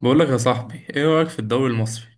بقول لك يا صاحبي، ايه رأيك في الدوري المصري؟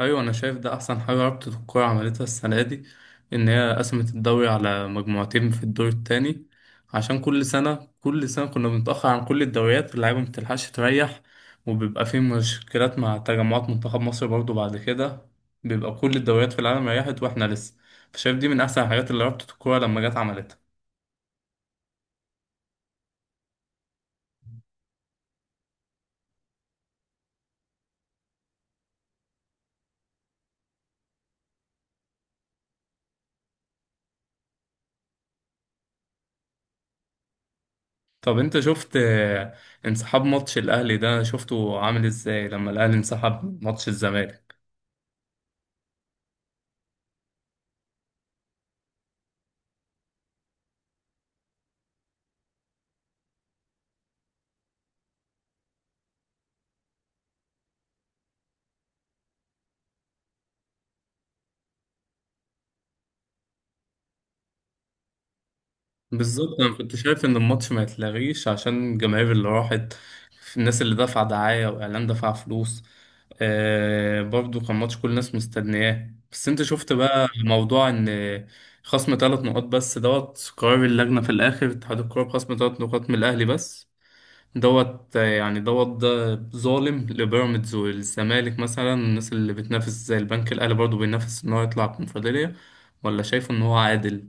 ايوه انا شايف ده احسن حاجة رابطة الكورة عملتها السنة دي، ان هي قسمت الدوري على مجموعتين في الدور التاني. عشان كل سنة كنا بنتأخر عن كل الدوريات واللعيبة مبتلحقش تريح، وبيبقى في مشكلات مع تجمعات منتخب مصر برضو بعد كده. بيبقى كل الدوريات في العالم ريحت واحنا لسه. فشايف دي من احسن الحاجات اللي رابطة الكورة لما جت عملتها. طب انت شفت انسحاب ماتش الاهلي ده شفته عامل ازاي لما الاهلي انسحب من ماتش الزمالك؟ بالظبط، انا كنت شايف ان الماتش ما يتلغيش عشان الجماهير اللي راحت، الناس اللي دفع دعاية واعلان دفع فلوس. آه، برضو كان ماتش كل الناس مستنياه. بس انت شفت بقى موضوع ان خصم ثلاث نقاط بس دوت، قرار اللجنة في الاخر اتحاد الكورة بخصم ثلاث نقاط من الاهلي بس دوت. يعني دوت ده ظالم لبيراميدز والزمالك، مثلا الناس اللي بتنافس زي البنك الاهلي برضو بينافس ان هو يطلع الكونفدرالية، ولا شايفه ان هو عادل؟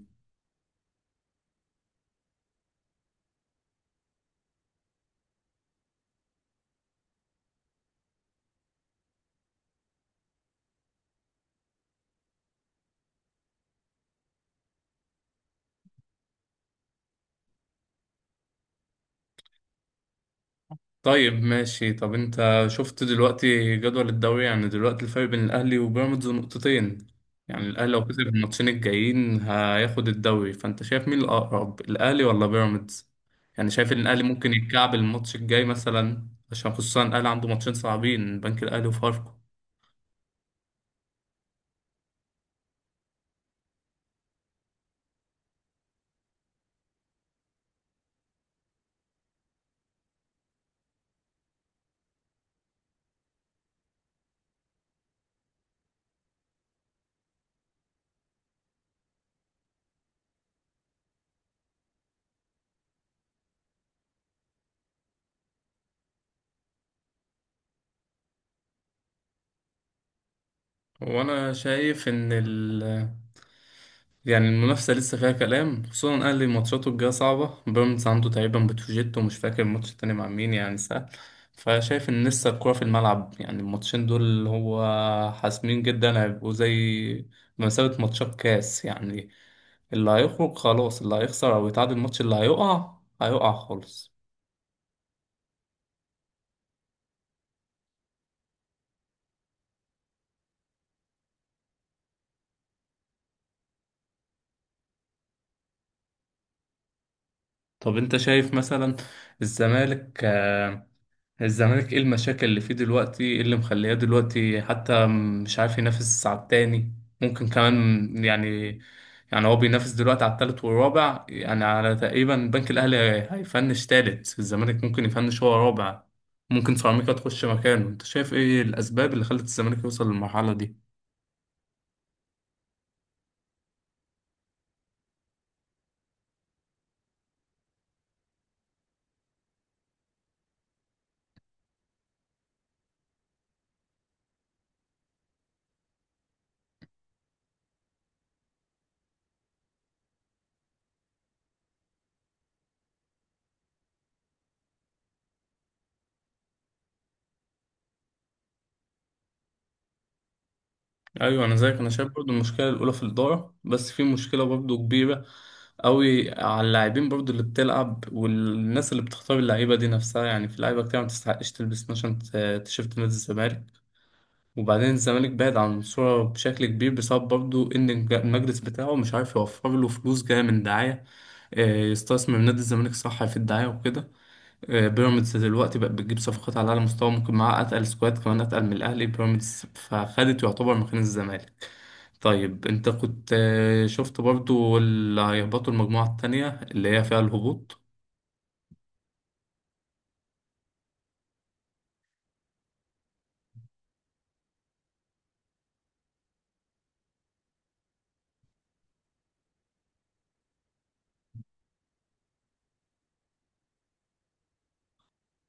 طيب ماشي. طب انت شفت دلوقتي جدول الدوري؟ يعني دلوقتي الفرق بين الاهلي وبيراميدز نقطتين، يعني الاهلي لو كسب الماتشين الجايين هياخد الدوري. فانت شايف مين الاقرب، الاهلي ولا بيراميدز؟ يعني شايف ان الاهلي ممكن يتكعب الماتش الجاي مثلا، عشان خصوصا الاهلي عنده ماتشين صعبين، بنك الاهلي وفاركو. وانا شايف ان ال، يعني المنافسة لسه فيها كلام، خصوصا الأهلي ماتشاته الجاية صعبة، بيراميدز عنده تقريبا بتروجيت ومش فاكر الماتش التاني مع مين، يعني سهل. فشايف إن لسه الكورة في الملعب، يعني الماتشين دول اللي هو حاسمين جدا، هيبقوا زي بمثابة ماتشات كاس يعني. اللي هيخرج خلاص، اللي هيخسر أو يتعادل الماتش اللي هيقع هيقع خالص. طب أنت شايف مثلا الزمالك، الزمالك ايه المشاكل اللي فيه دلوقتي؟ ايه اللي مخلياه دلوقتي حتى مش عارف ينافس على التاني؟ ممكن كمان يعني، يعني هو بينافس دلوقتي على التالت والرابع، يعني على تقريبا البنك الاهلي. هيفنش تالت، الزمالك ممكن يفنش هو رابع، ممكن سيراميكا تخش مكانه. انت شايف ايه الاسباب اللي خلت الزمالك يوصل للمرحلة دي؟ ايوه انا زيك، انا شايف برضو المشكله الاولى في الاداره. بس في مشكله برضو كبيره قوي على اللاعبين برضو اللي بتلعب، والناس اللي بتختار اللعيبه دي نفسها، يعني في لعيبه كتير ما تستحقش تلبس مثلا تيشيرت نادي الزمالك. وبعدين الزمالك بعد عن الصوره بشكل كبير بسبب برضو ان المجلس بتاعه مش عارف يوفر له فلوس جايه من دعايه، يستثمر نادي الزمالك صح في الدعايه وكده. بيراميدز دلوقتي بقت بتجيب صفقات على اعلى مستوى، ممكن معاها اتقل سكواد كمان اتقل من الاهلي، بيراميدز فخدت يعتبر مكان الزمالك. طيب انت كنت شفت برضو اللي هيهبطوا المجموعة التانية اللي هي فيها الهبوط؟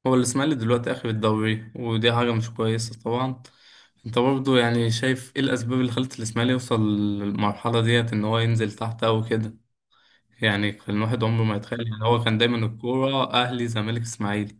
هو الإسماعيلي دلوقتي آخر الدوري ودي حاجة مش كويسة طبعا. انت برضو يعني شايف ايه الأسباب اللي خلت الإسماعيلي يوصل للمرحلة ديت، ان هو ينزل تحت أو كده؟ يعني كان الواحد عمره ما يتخيل، يعني هو كان دايما الكورة أهلي زمالك إسماعيلي.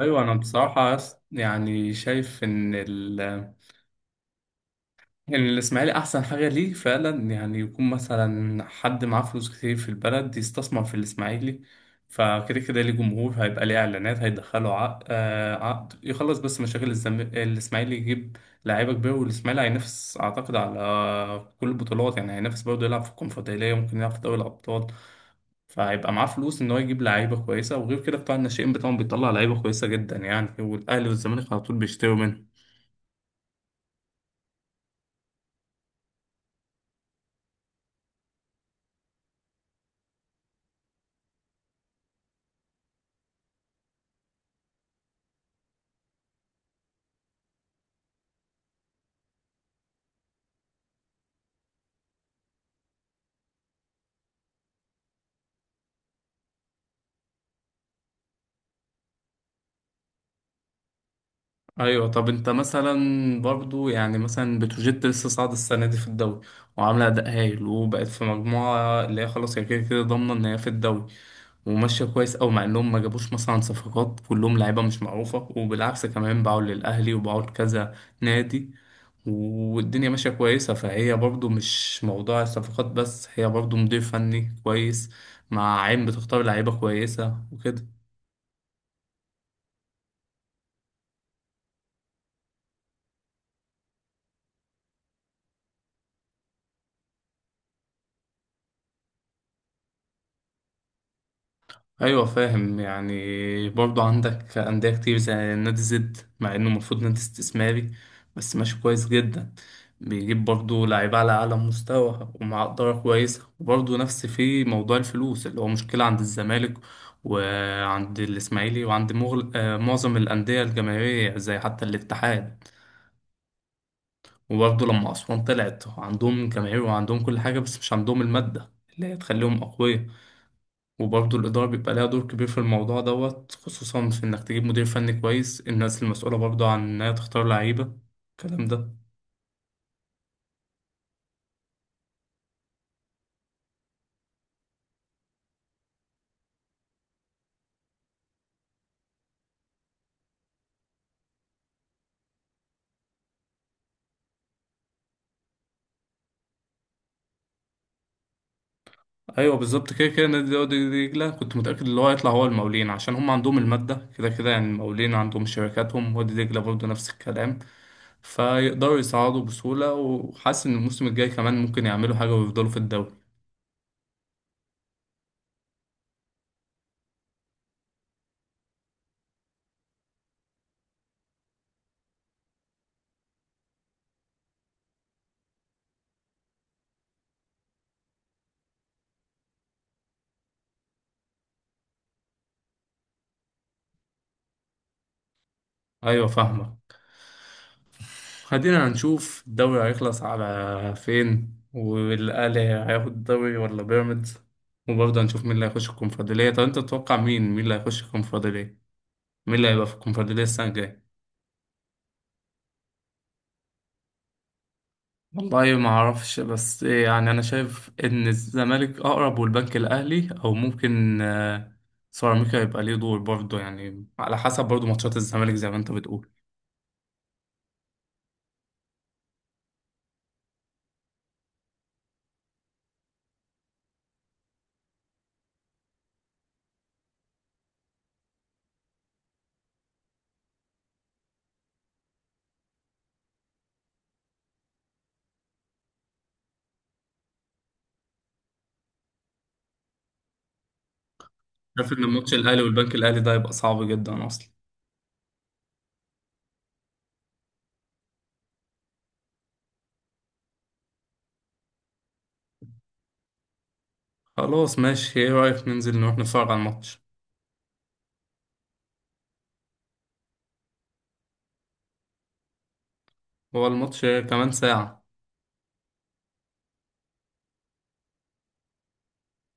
أيوة أنا بصراحة يعني شايف إن الإسماعيلي أحسن حاجة ليه فعلا، يعني يكون مثلا حد معاه فلوس كتير في البلد يستثمر في الإسماعيلي. فكده كده ليه جمهور، هيبقى ليه إعلانات، هيدخله عقد، عقد يخلص. بس مشاكل الإسماعيلي يجيب لعيبة كبيرة، والإسماعيلي هينافس أعتقد على كل البطولات، يعني هينافس برضه يلعب في الكونفدرالية، ممكن يلعب في دوري الأبطال. فهيبقى معاه فلوس إن هو يجيب لعيبة كويسة، وغير كده بتاع الناشئين بتاعهم بيطلع لعيبة كويسة جدا يعني، والأهلي والزمالك على طول بيشتروا منه. ايوه. طب انت مثلا برضو يعني مثلا بتروجيت لسه صاعده السنه دي في الدوري، وعامله اداء هايل، وبقت في مجموعه اللي هي خلاص هي كده كده ضامنه ان هي في الدوري. وماشيه كويس أوي، مع انهم ما جابوش مثلا صفقات، كلهم لعيبه مش معروفه، وبالعكس كمان باعوا للاهلي وباعوا لكذا نادي. والدنيا ماشيه كويسه، فهي برضو مش موضوع الصفقات بس، هي برضو مدير فني كويس، مع عين بتختار لعيبه كويسه وكده. ايوه فاهم. يعني برضو عندك انديه كتير زي نادي زد، مع انه المفروض نادي استثماري بس ماشي كويس جدا، بيجيب برضو لعيبه على اعلى مستوى ومع اداره كويسه. وبرضو نفس في موضوع الفلوس اللي هو مشكله عند الزمالك وعند الاسماعيلي وعند مغل... آه، معظم الانديه الجماهيريه زي حتى الاتحاد. وبرضو لما اسوان طلعت، عندهم جماهير وعندهم كل حاجه بس مش عندهم الماده اللي هي تخليهم اقوياء. وبرضه الإدارة بيبقى لها دور كبير في الموضوع دوت، خصوصا في إنك تجيب مدير فني كويس، الناس المسؤولة برضه عن إنها تختار لعيبة الكلام ده. أيوه بالظبط، كده كده نادي دي دجلة كنت متأكد إن هو هيطلع هو المقاولين، عشان هم عندهم المادة كده كده، يعني المقاولين عندهم شركاتهم، وادي دجلة برضه نفس الكلام. فيقدروا يصعدوا بسهولة، وحاسس إن الموسم الجاي كمان ممكن يعملوا حاجة ويفضلوا في الدوري. أيوه فاهمك. خلينا هنشوف الدوري هيخلص على فين، والأهلي هياخد الدوري ولا بيراميدز. وبرضه هنشوف مين اللي هيخش الكونفدرالية. طب أنت تتوقع مين اللي هيخش الكونفدرالية، مين اللي هيبقى في الكونفدرالية السنة الجاية؟ والله ما أعرفش، بس إيه يعني، أنا شايف إن الزمالك أقرب، والبنك الأهلي أو ممكن سيراميكا يبقى ليه دور برضه، يعني على حسب برضه ماتشات الزمالك زي ما أنت بتقول. شايف إن ماتش الأهلي والبنك الأهلي ده هيبقى صعب جدا أصلا. خلاص ماشي، إيه رأيك ننزل نروح نتفرج على الماتش؟ هو الماتش كمان ساعة.